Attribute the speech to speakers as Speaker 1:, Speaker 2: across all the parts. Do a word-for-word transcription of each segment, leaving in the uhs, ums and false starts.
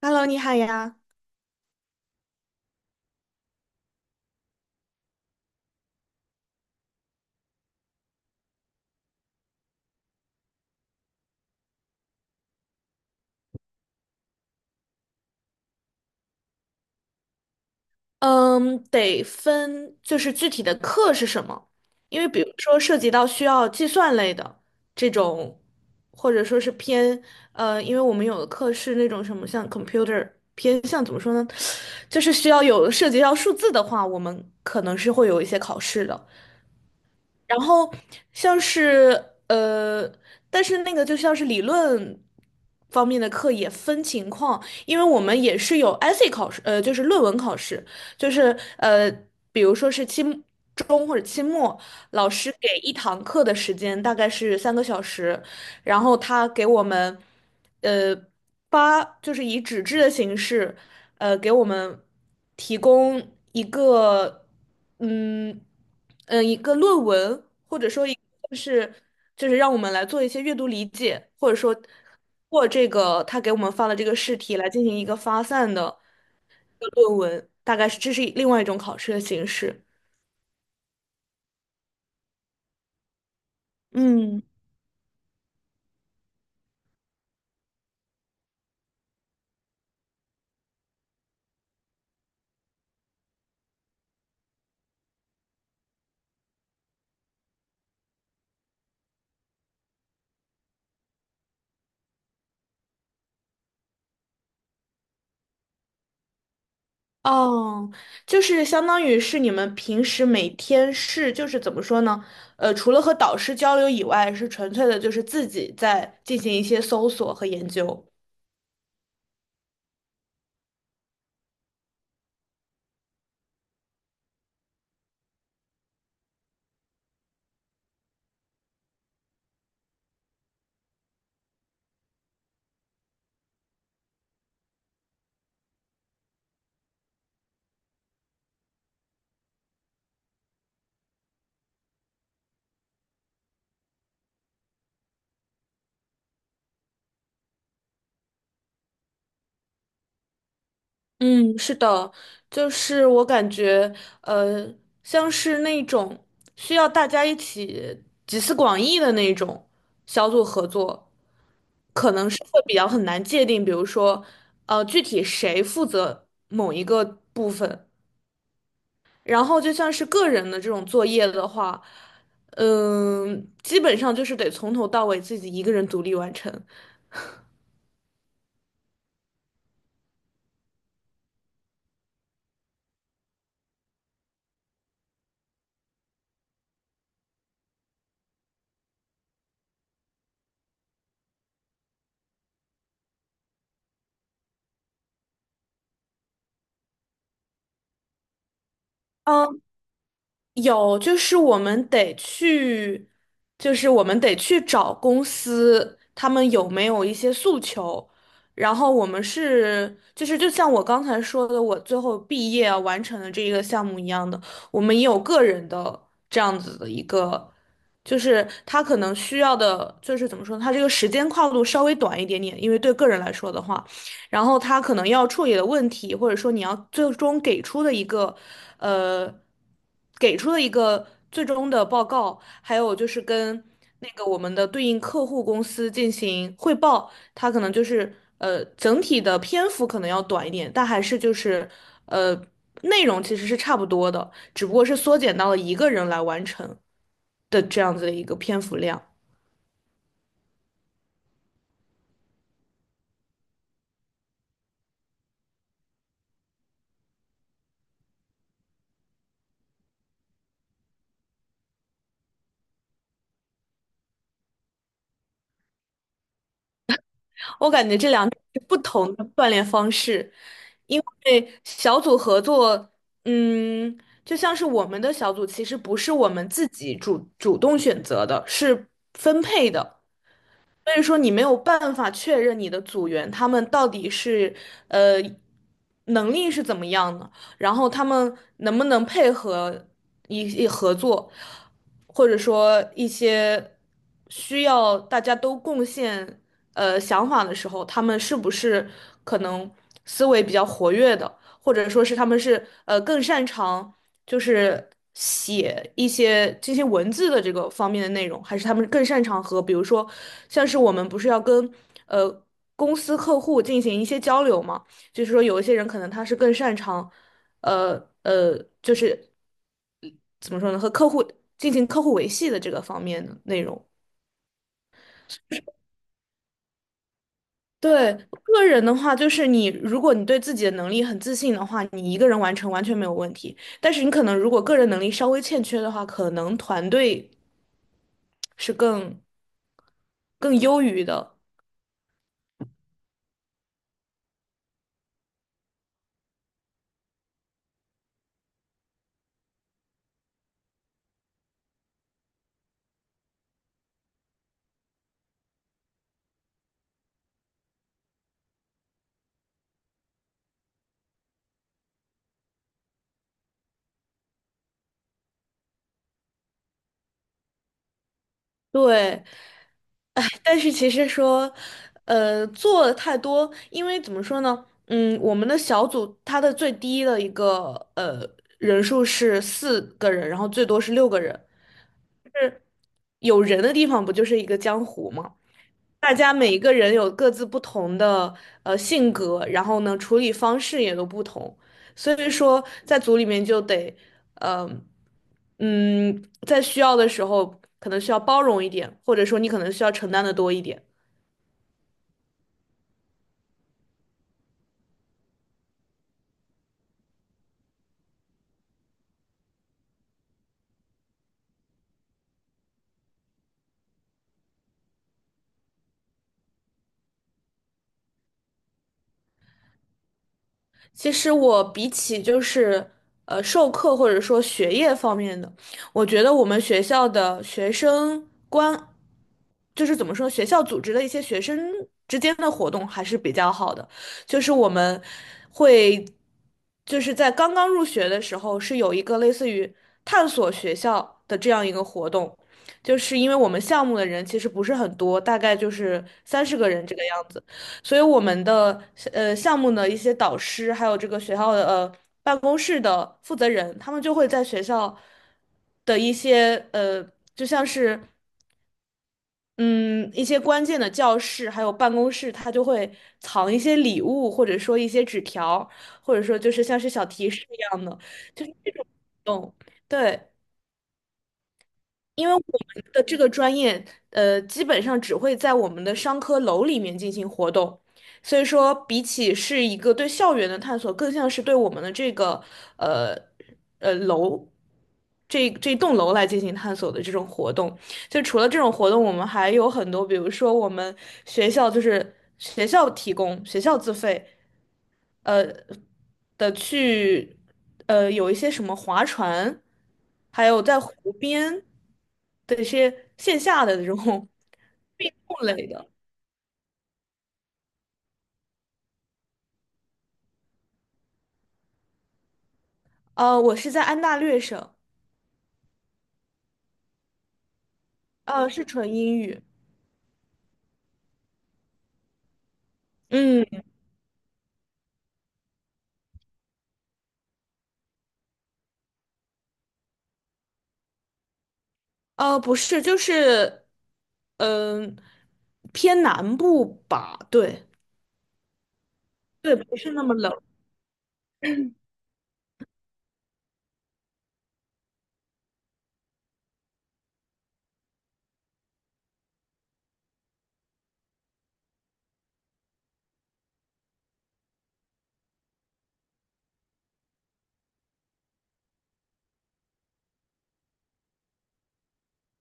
Speaker 1: Hello，你好呀。嗯，得分就是具体的课是什么，因为比如说涉及到需要计算类的这种，或者说是偏呃，因为我们有的课是那种什么像 computer 偏向怎么说呢，就是需要有涉及到数字的话，我们可能是会有一些考试的。然后像是呃，但是那个就像是理论方面的课也分情况，因为我们也是有 essay 考试，呃，就是论文考试，就是呃，比如说是期末中或者期末，老师给一堂课的时间大概是三个小时，然后他给我们，呃，发就是以纸质的形式，呃，给我们提供一个，嗯嗯、呃一个论文，或者说一就是就是让我们来做一些阅读理解，或者说通过这个他给我们发的这个试题来进行一个发散的一个论文，大概是这是另外一种考试的形式。嗯。哦，就是相当于是你们平时每天是，就是怎么说呢？呃，除了和导师交流以外，是纯粹的，就是自己在进行一些搜索和研究。嗯，是的，就是我感觉，呃，像是那种需要大家一起集思广益的那种小组合作，可能是会比较很难界定，比如说，呃，具体谁负责某一个部分。然后就像是个人的这种作业的话，嗯，基本上就是得从头到尾自己一个人独立完成。嗯，有，就是我们得去，就是我们得去找公司，他们有没有一些诉求。然后我们是，就是就像我刚才说的，我最后毕业啊完成的这一个项目一样的，我们也有个人的这样子的一个，就是他可能需要的，就是怎么说呢他这个时间跨度稍微短一点点，因为对个人来说的话。然后他可能要处理的问题，或者说你要最终给出的一个，呃，给出的一个最终的报告，还有就是跟那个我们的对应客户公司进行汇报，它可能就是呃整体的篇幅可能要短一点，但还是就是呃内容其实是差不多的，只不过是缩减到了一个人来完成的这样子的一个篇幅量。我感觉这两种是不同的锻炼方式，因为小组合作，嗯，就像是我们的小组其实不是我们自己主主动选择的，是分配的。所以说你没有办法确认你的组员他们到底是呃能力是怎么样的，然后他们能不能配合一一合作，或者说一些需要大家都贡献呃想法的时候，他们是不是可能思维比较活跃的，或者说是他们是呃更擅长。就是写一些这些文字的这个方面的内容，还是他们更擅长和，比如说，像是我们不是要跟呃公司客户进行一些交流嘛？就是说有一些人可能他是更擅长，呃呃，就是怎么说呢，和客户进行客户维系的这个方面的内容。对，个人的话，就是你，如果你对自己的能力很自信的话，你一个人完成完全没有问题。但是你可能如果个人能力稍微欠缺的话，可能团队是更更优于的。对，哎，但是其实说，呃，做的太多，因为怎么说呢，嗯，我们的小组它的最低的一个呃人数是四个人，然后最多是六个人，就是有人的地方不就是一个江湖吗？大家每一个人有各自不同的呃性格，然后呢处理方式也都不同，所以说在组里面就得，呃，嗯，在需要的时候可能需要包容一点，或者说你可能需要承担的多一点。其实我比起就是呃授课或者说学业方面的，我觉得我们学校的学生关，就是怎么说，学校组织的一些学生之间的活动还是比较好的，就是我们会就是在刚刚入学的时候是有一个类似于探索学校的这样一个活动，就是因为我们项目的人其实不是很多，大概就是三十个人这个样子。所以我们的呃项目的一些导师，还有这个学校的呃办公室的负责人，他们就会在学校的一些呃，就像是嗯一些关键的教室还有办公室，他就会藏一些礼物，或者说一些纸条，或者说就是像是小提示一样的，就是那种对。因为我们的这个专业，呃，基本上只会在我们的商科楼里面进行活动，所以说比起是一个对校园的探索，更像是对我们的这个呃呃楼这这栋楼来进行探索的这种活动。就除了这种活动，我们还有很多，比如说我们学校就是学校提供、学校自费，呃的去，呃有一些什么划船，还有在湖边的一些线下的这种运动类的。呃，我是在安大略省，呃，是纯英语。嗯，呃，不是，就是，嗯、偏南部吧，对，对，不是那么冷。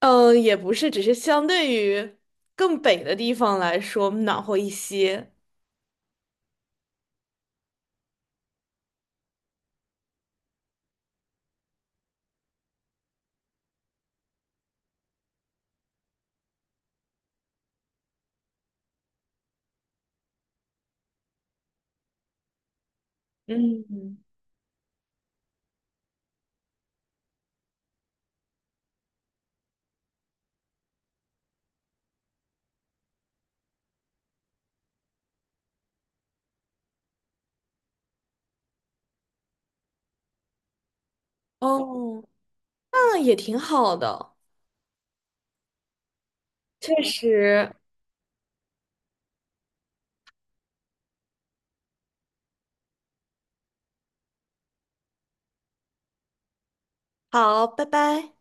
Speaker 1: 嗯，呃也不是，只是相对于更北的地方来说暖和一些。嗯，哦，那也挺好的，确实。好，拜拜。